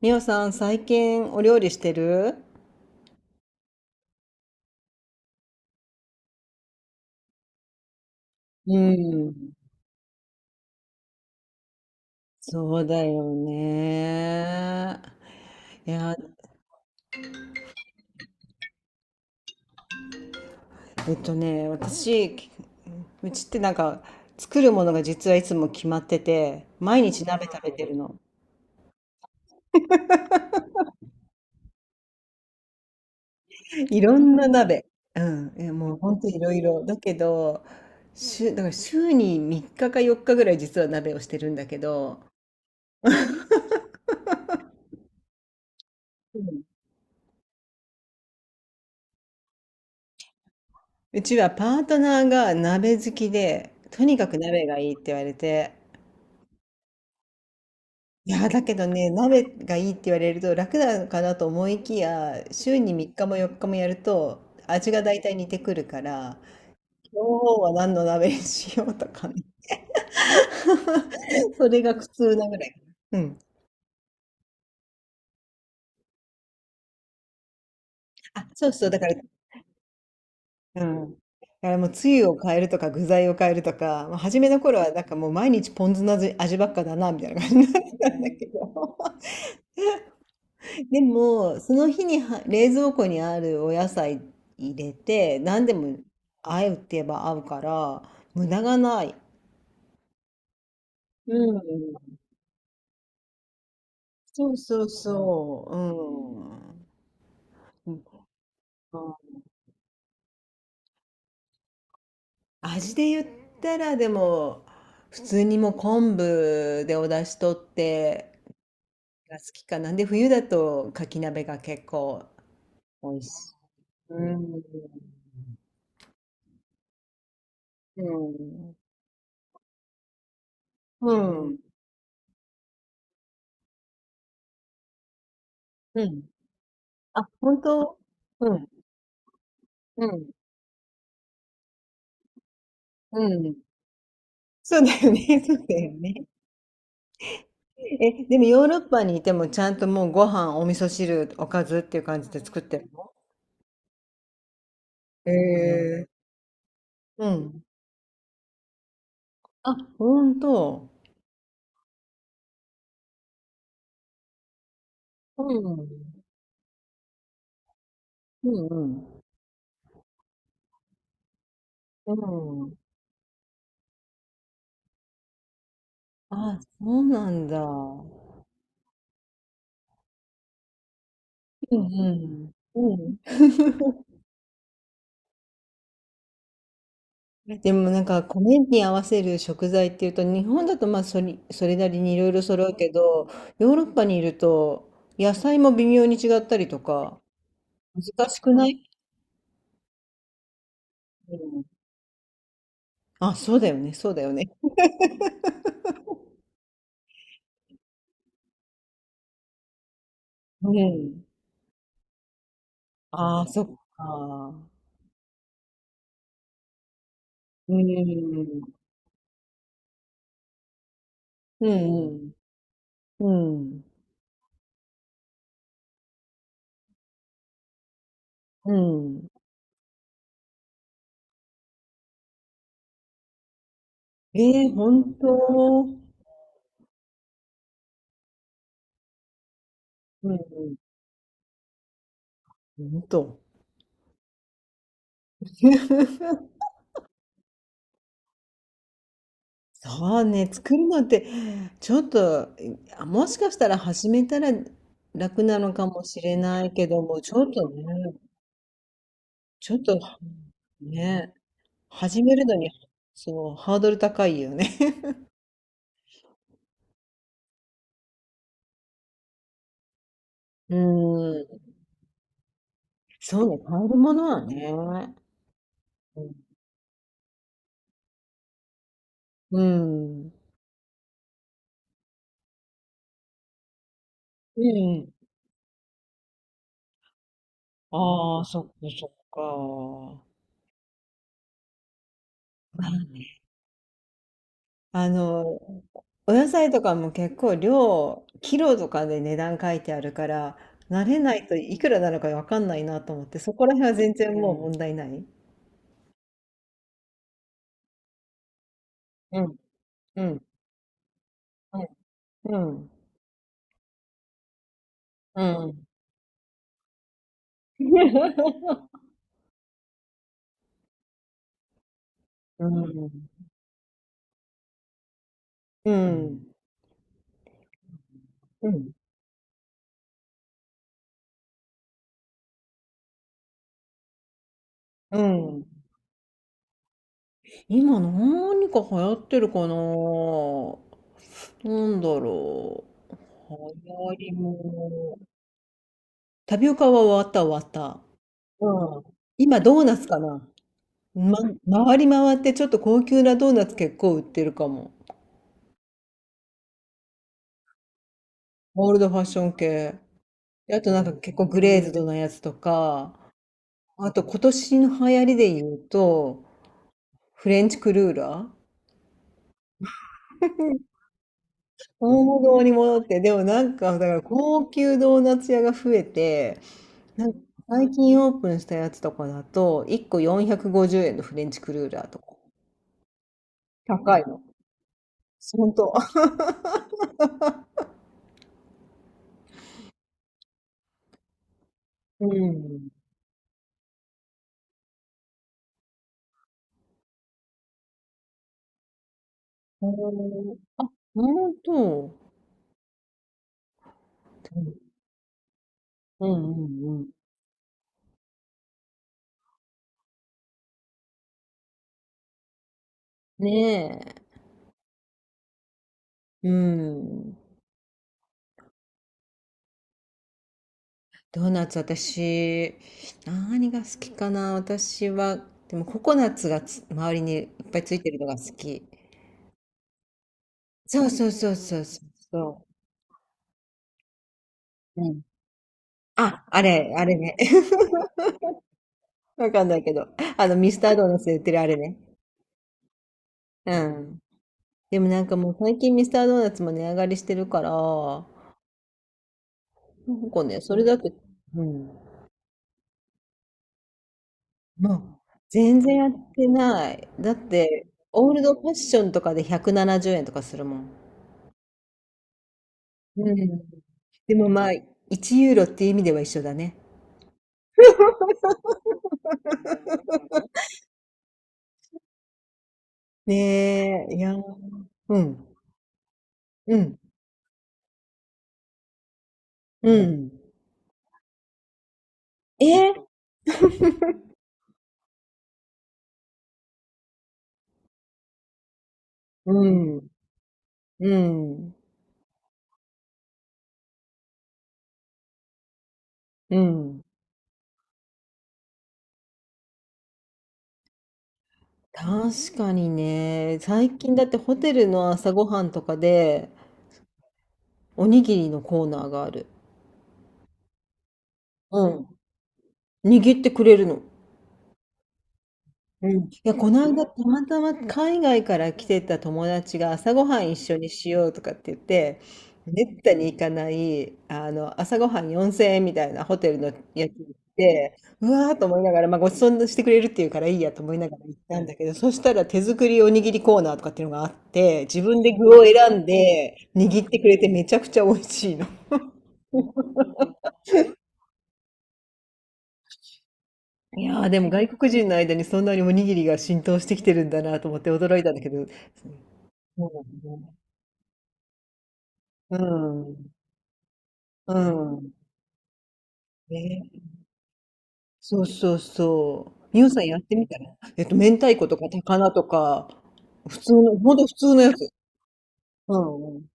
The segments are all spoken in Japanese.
みおさん、最近お料理してる？うん。そうだよね。いや、私、うちってなんか、作るものが実はいつも決まってて、毎日鍋食べてるの。いろんな鍋。うん。え、もう本当いろいろ。だけど、だから週に3日か4日ぐらい実は鍋をしてるんだけど、うん。うちはパートナーが鍋好きで、とにかく鍋がいいって言われて、いや、だけどね、鍋がいいって言われると楽なのかなと思いきや、週に3日も4日もやると味が大体似てくるから、今日は何の鍋にしようとかね。それが苦痛なぐらい。うん。あ、そうそう、だから、うん。だからもうつゆを変えるとか具材を変えるとか、まあ、初めの頃はなんかもう毎日ポン酢の味ばっかだなみたいな感じだったんだけど。でも、その日には冷蔵庫にあるお野菜入れて、何でも合うって言えば合うから、無駄がない。うん。そうそうそう。うん。うん。味で言ったら、でも、普通にもう昆布でお出汁取ってが好きかな。で、冬だとかき鍋が結構美味しい。うん。うん。うん。うん。あ、本当？うん。うん。うん。そうだよね、そうだよね。え、でもヨーロッパにいてもちゃんともうご飯、お味噌汁、おかずっていう感じで作ってるの？へえ。うん。あ、ほんと。うん。うんうん。うん。あ、そうなんだ。うんうん。うん。でもなんか米に合わせる食材っていうと日本だとまあそれなりにいろいろ揃うけど、ヨーロッパにいると野菜も微妙に違ったりとか難しくない？あ、そうだよね、そうだよね。うん。ああ、そっか。うん。うん。うん。うん。ええ本当。うん。本当。そうね、作るのって、ちょっと、あもしかしたら始めたら楽なのかもしれないけども、ちょっとね、ちょっと、ね、始めるのに、そう、ハードル高いよね。うん。そうね、買えるものはね。うん。うん。ああ、そっかそっか。まあね、あの、お野菜とかも結構キロとかで値段書いてあるから、慣れないといくらなのかわかんないなと思って、そこら辺は全然もう問題ない。うん、うん、うん。うん、うん。ううん。うん、うん。うん。今何か流行ってるかな？なんだろう。流行りもの。タピオカは終わった、終わった。うん。今ドーナツかな。ま、回り回ってちょっと高級なドーナツ結構売ってるかも。オールドファッション系。で、あとなんか結構グレーズドなやつとか、あと今年の流行りで言うと、フレンチクルーラー。大物に戻って、でもなんか、だから高級ドーナツ屋が増えて、なんか最近オープンしたやつとかだと、1個450円のフレンチクルーラーとか。高いの。ほんと。うん。おー、本当？うんうんうん。ねえ。うん。ドーナツ私、何が好きかな私は、でもココナッツが周りにいっぱいついてるのが好き。そうそうそうそうそうそう。うん。あ、あれ、あれね。わかんないけど。ミスタードーナツで売ってるあれね。うん。でもなんかもう最近ミスタードーナツも値上がりしてるから、なんかね、それだけ、うん。もう、全然やってない。だって、オールドファッションとかで170円とかするもん。うん。でもまあ、1ユーロっていう意味では一緒だね。ねえ、いや、うん、うん、うん。えうん、うん、うん。確かにね、最近だってホテルの朝ごはんとかで、おにぎりのコーナーがある。うん。握ってくれるの。うん、いや、この間、たまたま海外から来てた友達が朝ごはん一緒にしようとかって言って、めったに行かない、あの、朝ごはん4000円みたいなホテルのやつ行って、うわーと思いながら、まあ、ごちそうしてくれるっていうからいいやと思いながら行ったんだけど、そしたら手作りおにぎりコーナーとかっていうのがあって、自分で具を選んで握ってくれてめちゃくちゃ美味しいの。いやーでも外国人の間にそんなにおにぎりが浸透してきてるんだなと思って驚いたんだけど、そうなんだね。うん。うん。ね。そうそうそう。みおさんやってみたら、明太子とか高菜とか、普通の、ほんと普通のやつ。うんうん。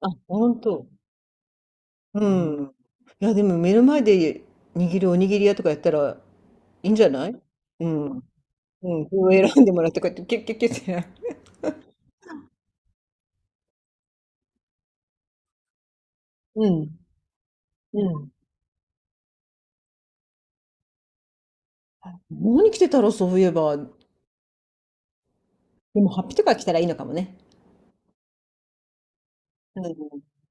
あ、ほんと。うん。いや、でも目の前で握るおにぎり屋とかやったらいいんじゃない？うん。うん。これを選んでもらってこうやってキュッキュッキュッって。うん。うん。何着てたろう、そういえば。でも、ハッピとか着たらいいのかもね。うん。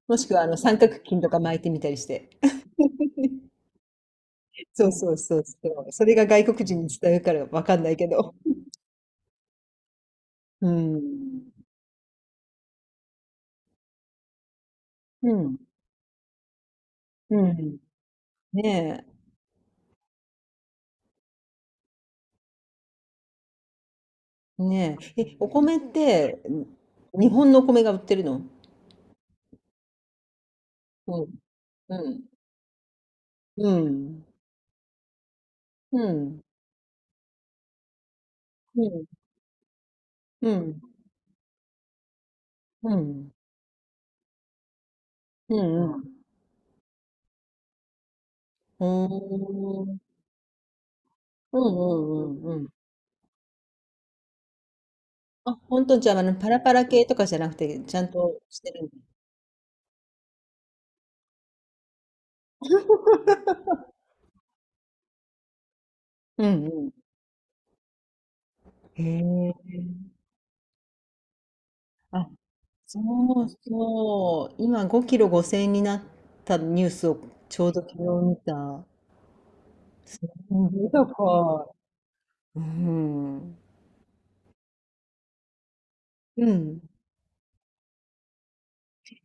もしくは、あの、三角巾とか巻いてみたりして。そうそうそうそう。それが外国人に伝わるからわかんないけど。うん。うん。うん。ねえ。ねえ。え、お米って、日本のお米が売ってるの？うん。うん。うん。うん。うん。うん。うん。うん。うん。おーうんうんうんうん。あ、本当？じゃあ、あの、パラパラ系とかじゃなくて、ちゃんとしてるんだ。うんうん。へえ。あそうそう。今5キロ5千円になったニュースをちょうど昨日見た。すごい高い。うん。うん。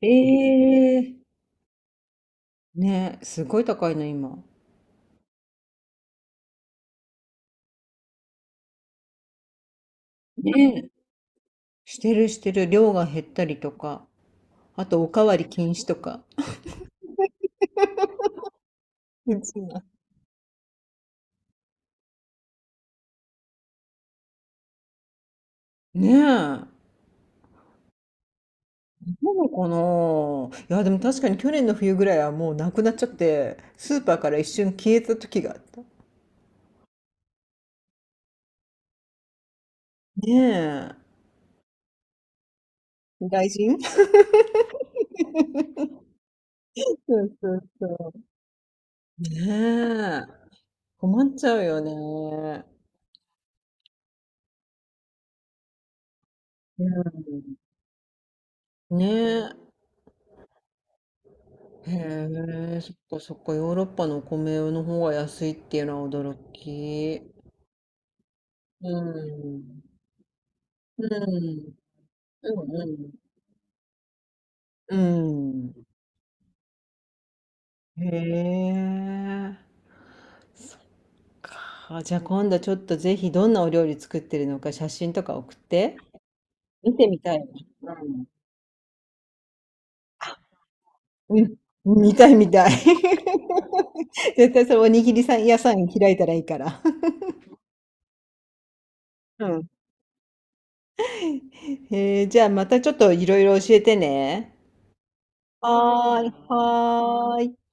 ええ。ね、すごい高いの今。ね、してるしてる。量が減ったりとか。あと、おかわり禁止とか。うちは。ねえ。なのかな。いや、でも確かに去年の冬ぐらいはもうなくなっちゃって、スーパーから一瞬消えた時があった。ねえ。外人。そうそうそう。ねえ。困っちゃうよね。うん。ねえ。へえ、そっかそっか、ヨーロッパのお米の方が安いっていうのは驚き。うん。うん。うんうん。へえ。そっか。じゃあ今度ちょっとぜひどんなお料理作ってるのか写真とか送って。見てみたいな。うん、見たい見たい。絶対それおにぎりさん屋さん開いたらいいから。うん。へえ、じゃあまたちょっといろいろ教えてね。はーい、はーい。